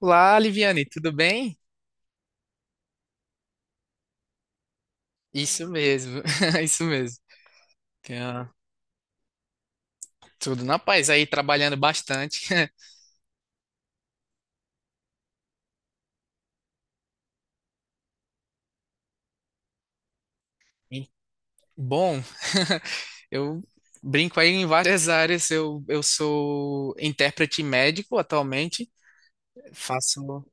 Olá, Liviane, tudo bem? Isso mesmo, isso mesmo. Tem, tudo na paz aí, trabalhando bastante. Hein? Bom, eu brinco aí em várias áreas. Eu sou intérprete médico atualmente. Faço.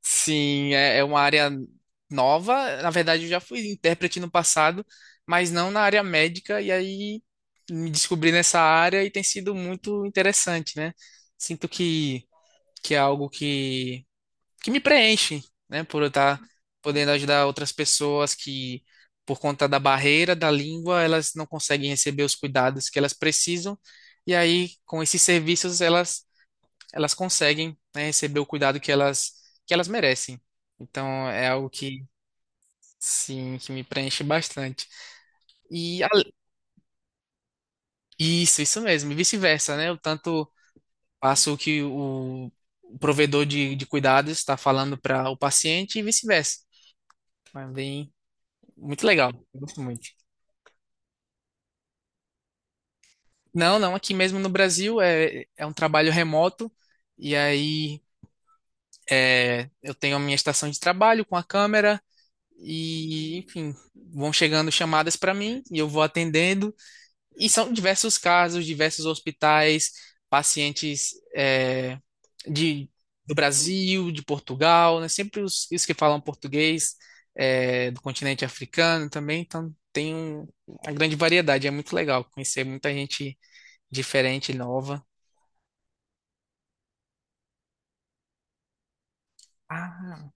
Sim, é uma área nova. Na verdade, eu já fui intérprete no passado, mas não na área médica. E aí me descobri nessa área e tem sido muito interessante, né? Sinto que é algo que me preenche, né? Por eu estar podendo ajudar outras pessoas que, por conta da barreira da língua, elas não conseguem receber os cuidados que elas precisam. E aí, com esses serviços, elas conseguem, né, receber o cuidado que elas merecem. Então, é algo que, sim, que me preenche bastante. E a- isso, isso mesmo, e vice-versa, né? Eu tanto passo o que o provedor de cuidados está falando para o paciente e vice-versa. Mas bem, muito legal. Eu gosto muito. Não, não, aqui mesmo no Brasil é um trabalho remoto, e aí eu tenho a minha estação de trabalho com a câmera, e enfim, vão chegando chamadas para mim e eu vou atendendo. E são diversos casos, diversos hospitais, pacientes de, do Brasil, de Portugal, né? Sempre os que falam português, é, do continente africano também, então tem uma grande variedade, é muito legal conhecer muita gente diferente, nova. Ah,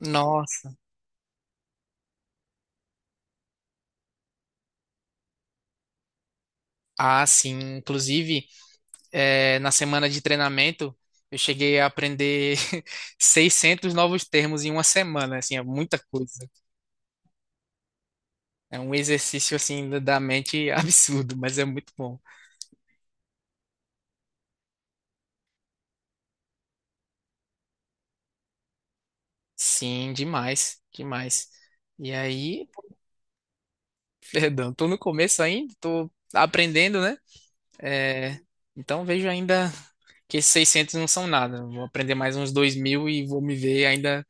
nossa. Ah, sim. Inclusive, na semana de treinamento, eu cheguei a aprender 600 novos termos em uma semana. Assim, é muita coisa. É um exercício, assim, da mente absurdo, mas é muito bom. Sim, demais, demais. E aí, pô, perdão, tô no começo ainda, tô aprendendo, né? Eh, então vejo ainda que esses 600 não são nada. Vou aprender mais uns 2.000 e vou me ver ainda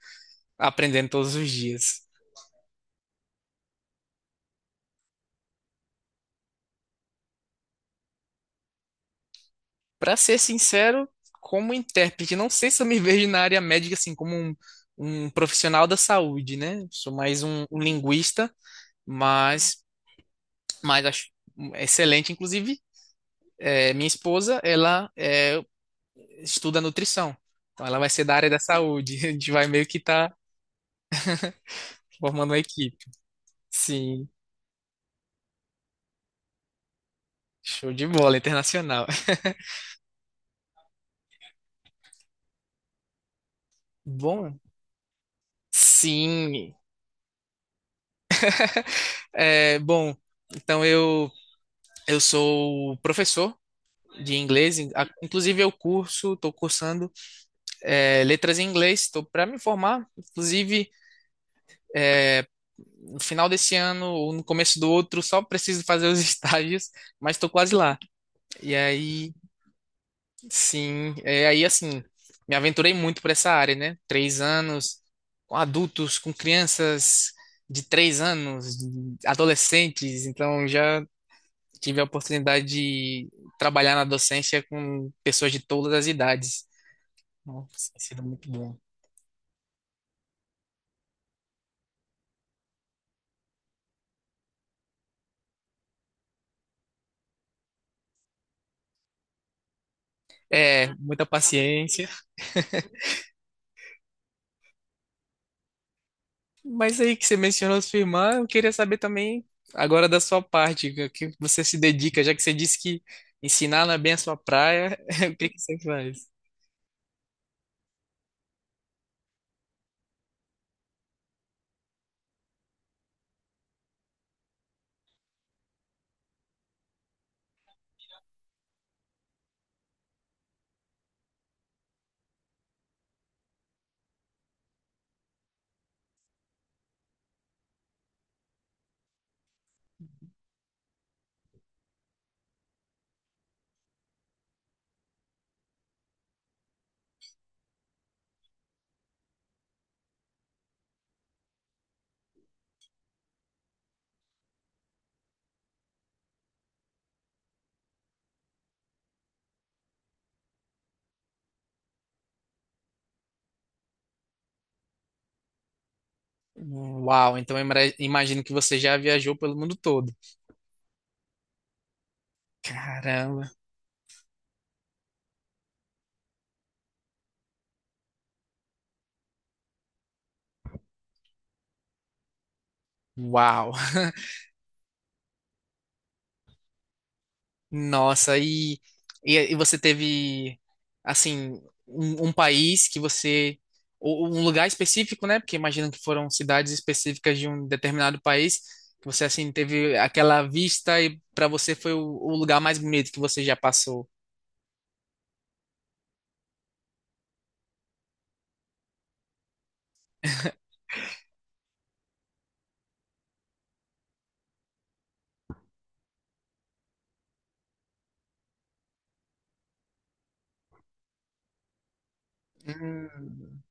aprendendo todos os dias. Pra ser sincero, como intérprete, não sei se eu me vejo na área médica assim como um profissional da saúde, né? Sou mais um linguista, mas, mas acho excelente. Inclusive, minha esposa, ela estuda nutrição, então ela vai ser da área da saúde. A gente vai meio que tá formando uma equipe. Sim, show de bola, internacional. Bom, sim. É, bom, então eu sou professor de inglês. Inclusive, eu curso, estou cursando letras em inglês, estou para me formar. Inclusive, é, no final desse ano ou no começo do outro, só preciso fazer os estágios, mas estou quase lá. E aí, sim, aí assim, me aventurei muito por essa área, né? 3 anos com adultos, com crianças de 3 anos, adolescentes, então já tive a oportunidade de trabalhar na docência com pessoas de todas as idades. Nossa, tem sido muito bom. É, muita paciência. Mas aí que você mencionou sua irmã, eu queria saber também agora da sua parte, o que você se dedica, já que você disse que ensinar não é bem a sua praia, o que que você faz? Uau, então eu imagino que você já viajou pelo mundo todo. Caramba, uau. Nossa, e você teve, assim, um país que você, ou um lugar específico, né? Porque imagino que foram cidades específicas de um determinado país, que você, assim, teve aquela vista e para você foi o lugar mais bonito que você já passou. Hum,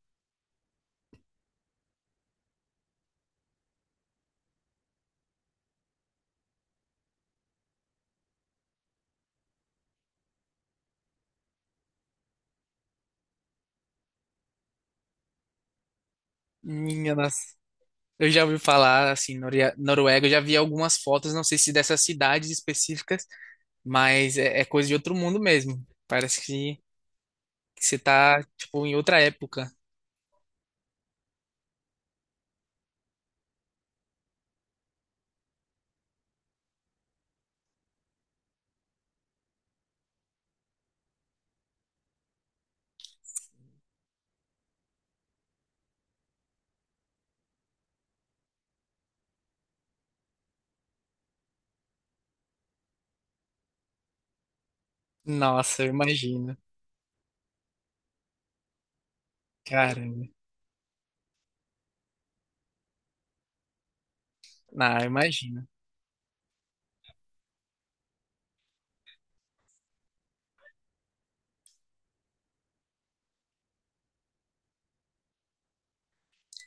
minha nossa. Eu já ouvi falar, assim, Noruega, eu já vi algumas fotos, não sei se dessas cidades específicas, mas é coisa de outro mundo mesmo. Parece que você tá, tipo, em outra época. Nossa, eu imagino. Caramba. Ah, eu imagino.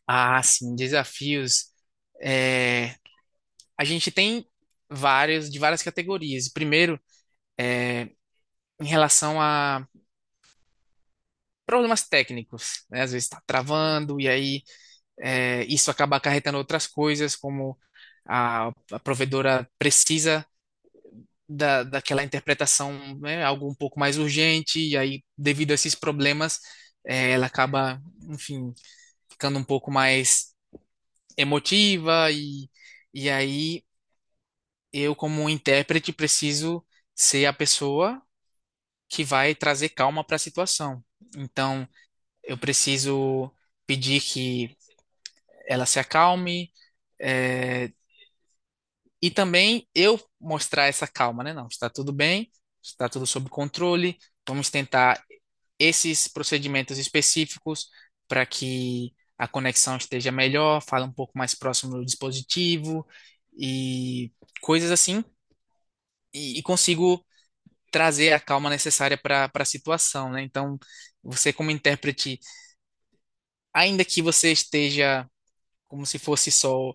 Ah, sim, desafios. É, a gente tem vários, de várias categorias. Primeiro, em relação a problemas técnicos, né? Às vezes está travando, e aí isso acaba acarretando outras coisas, como a provedora precisa daquela interpretação, né? Algo um pouco mais urgente, e aí, devido a esses problemas, ela acaba, enfim, ficando um pouco mais emotiva e aí eu, como um intérprete, preciso ser a pessoa que vai trazer calma para a situação. Então, eu preciso pedir que ela se acalme, eh, e também eu mostrar essa calma, né? Não, está tudo bem, está tudo sob controle, vamos tentar esses procedimentos específicos para que a conexão esteja melhor, fala um pouco mais próximo do dispositivo e coisas assim, e consigo trazer a calma necessária para a situação, né? Então, você como intérprete, ainda que você esteja como se fosse só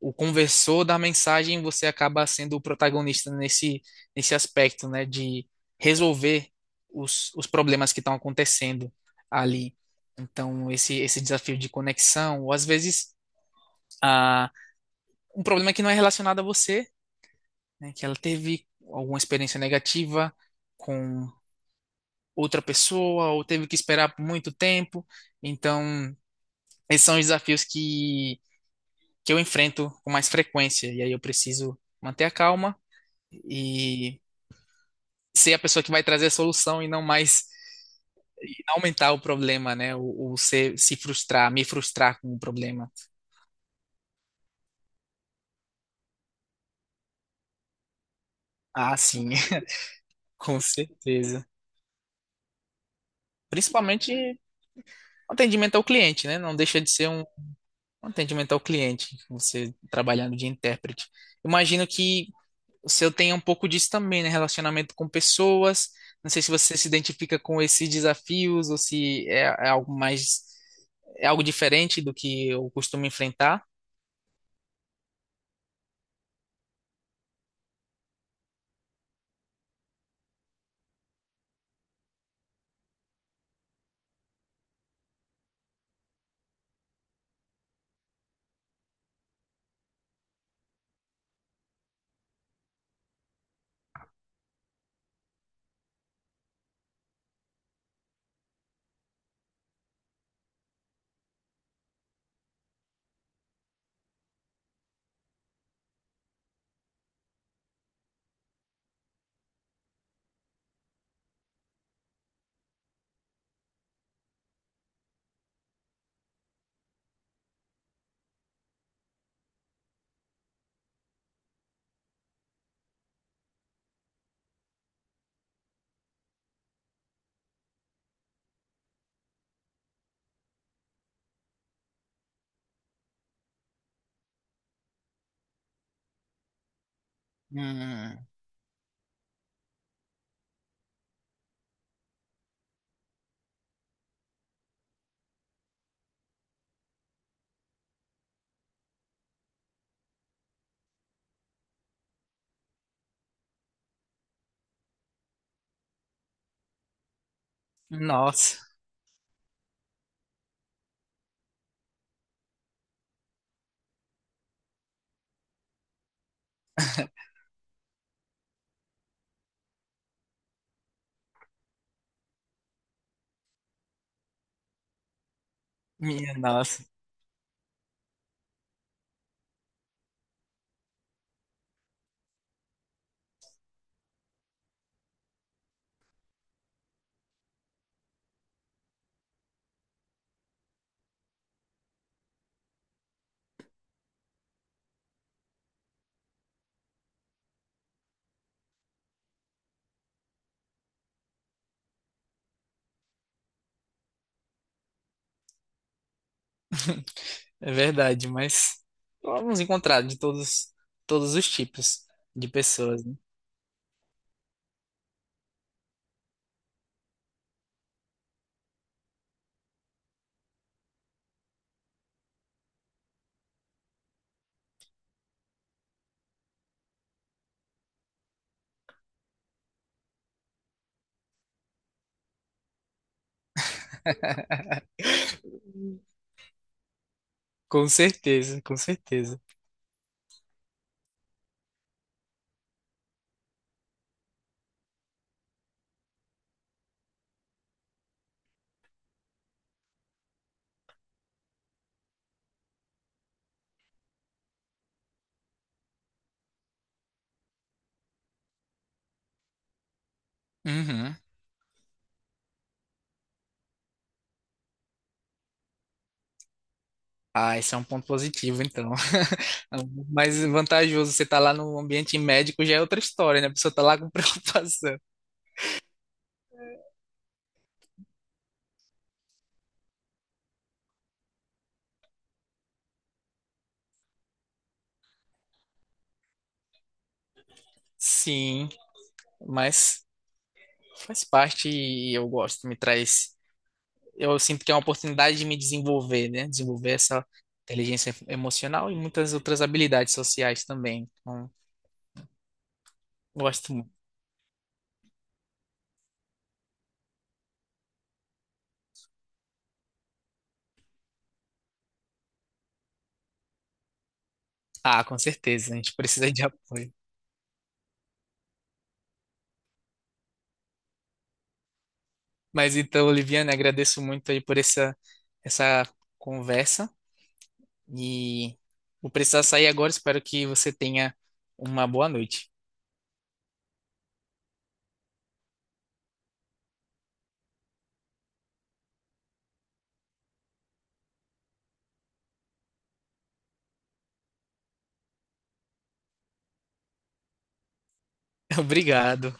o conversor da mensagem, você acaba sendo o protagonista nesse aspecto, né, de resolver os problemas que estão acontecendo ali. Então, esse desafio de conexão, ou às vezes a, um problema que não é relacionado a você, né, que ela teve alguma experiência negativa com outra pessoa, ou teve que esperar por muito tempo. Então, esses são os desafios que eu enfrento com mais frequência, e aí eu preciso manter a calma e ser a pessoa que vai trazer a solução e não mais e não aumentar o problema, né? Ou se frustrar, me frustrar com o problema. Ah, sim, com certeza. Principalmente atendimento ao cliente, né? Não deixa de ser um atendimento ao cliente, você trabalhando de intérprete. Imagino que o seu tem um pouco disso também, né? Relacionamento com pessoas. Não sei se você se identifica com esses desafios ou se é algo mais, é algo diferente do que eu costumo enfrentar. Hum, nossa, minha nossa. É verdade, mas vamos encontrar de todos os tipos de pessoas, né? Com certeza, com certeza. Uhum. Ah, esse é um ponto positivo, então. Mais vantajoso você tá lá no ambiente médico já é outra história, né? A pessoa tá lá com preocupação. Sim, mas faz parte e eu gosto, me traz. Eu sinto que é uma oportunidade de me desenvolver, né? Desenvolver essa inteligência emocional e muitas outras habilidades sociais também. Então, gosto. Ah, com certeza, a gente precisa de apoio. Mas então, Oliviana, agradeço muito aí por essa conversa e vou precisar sair agora. Espero que você tenha uma boa noite. Obrigado.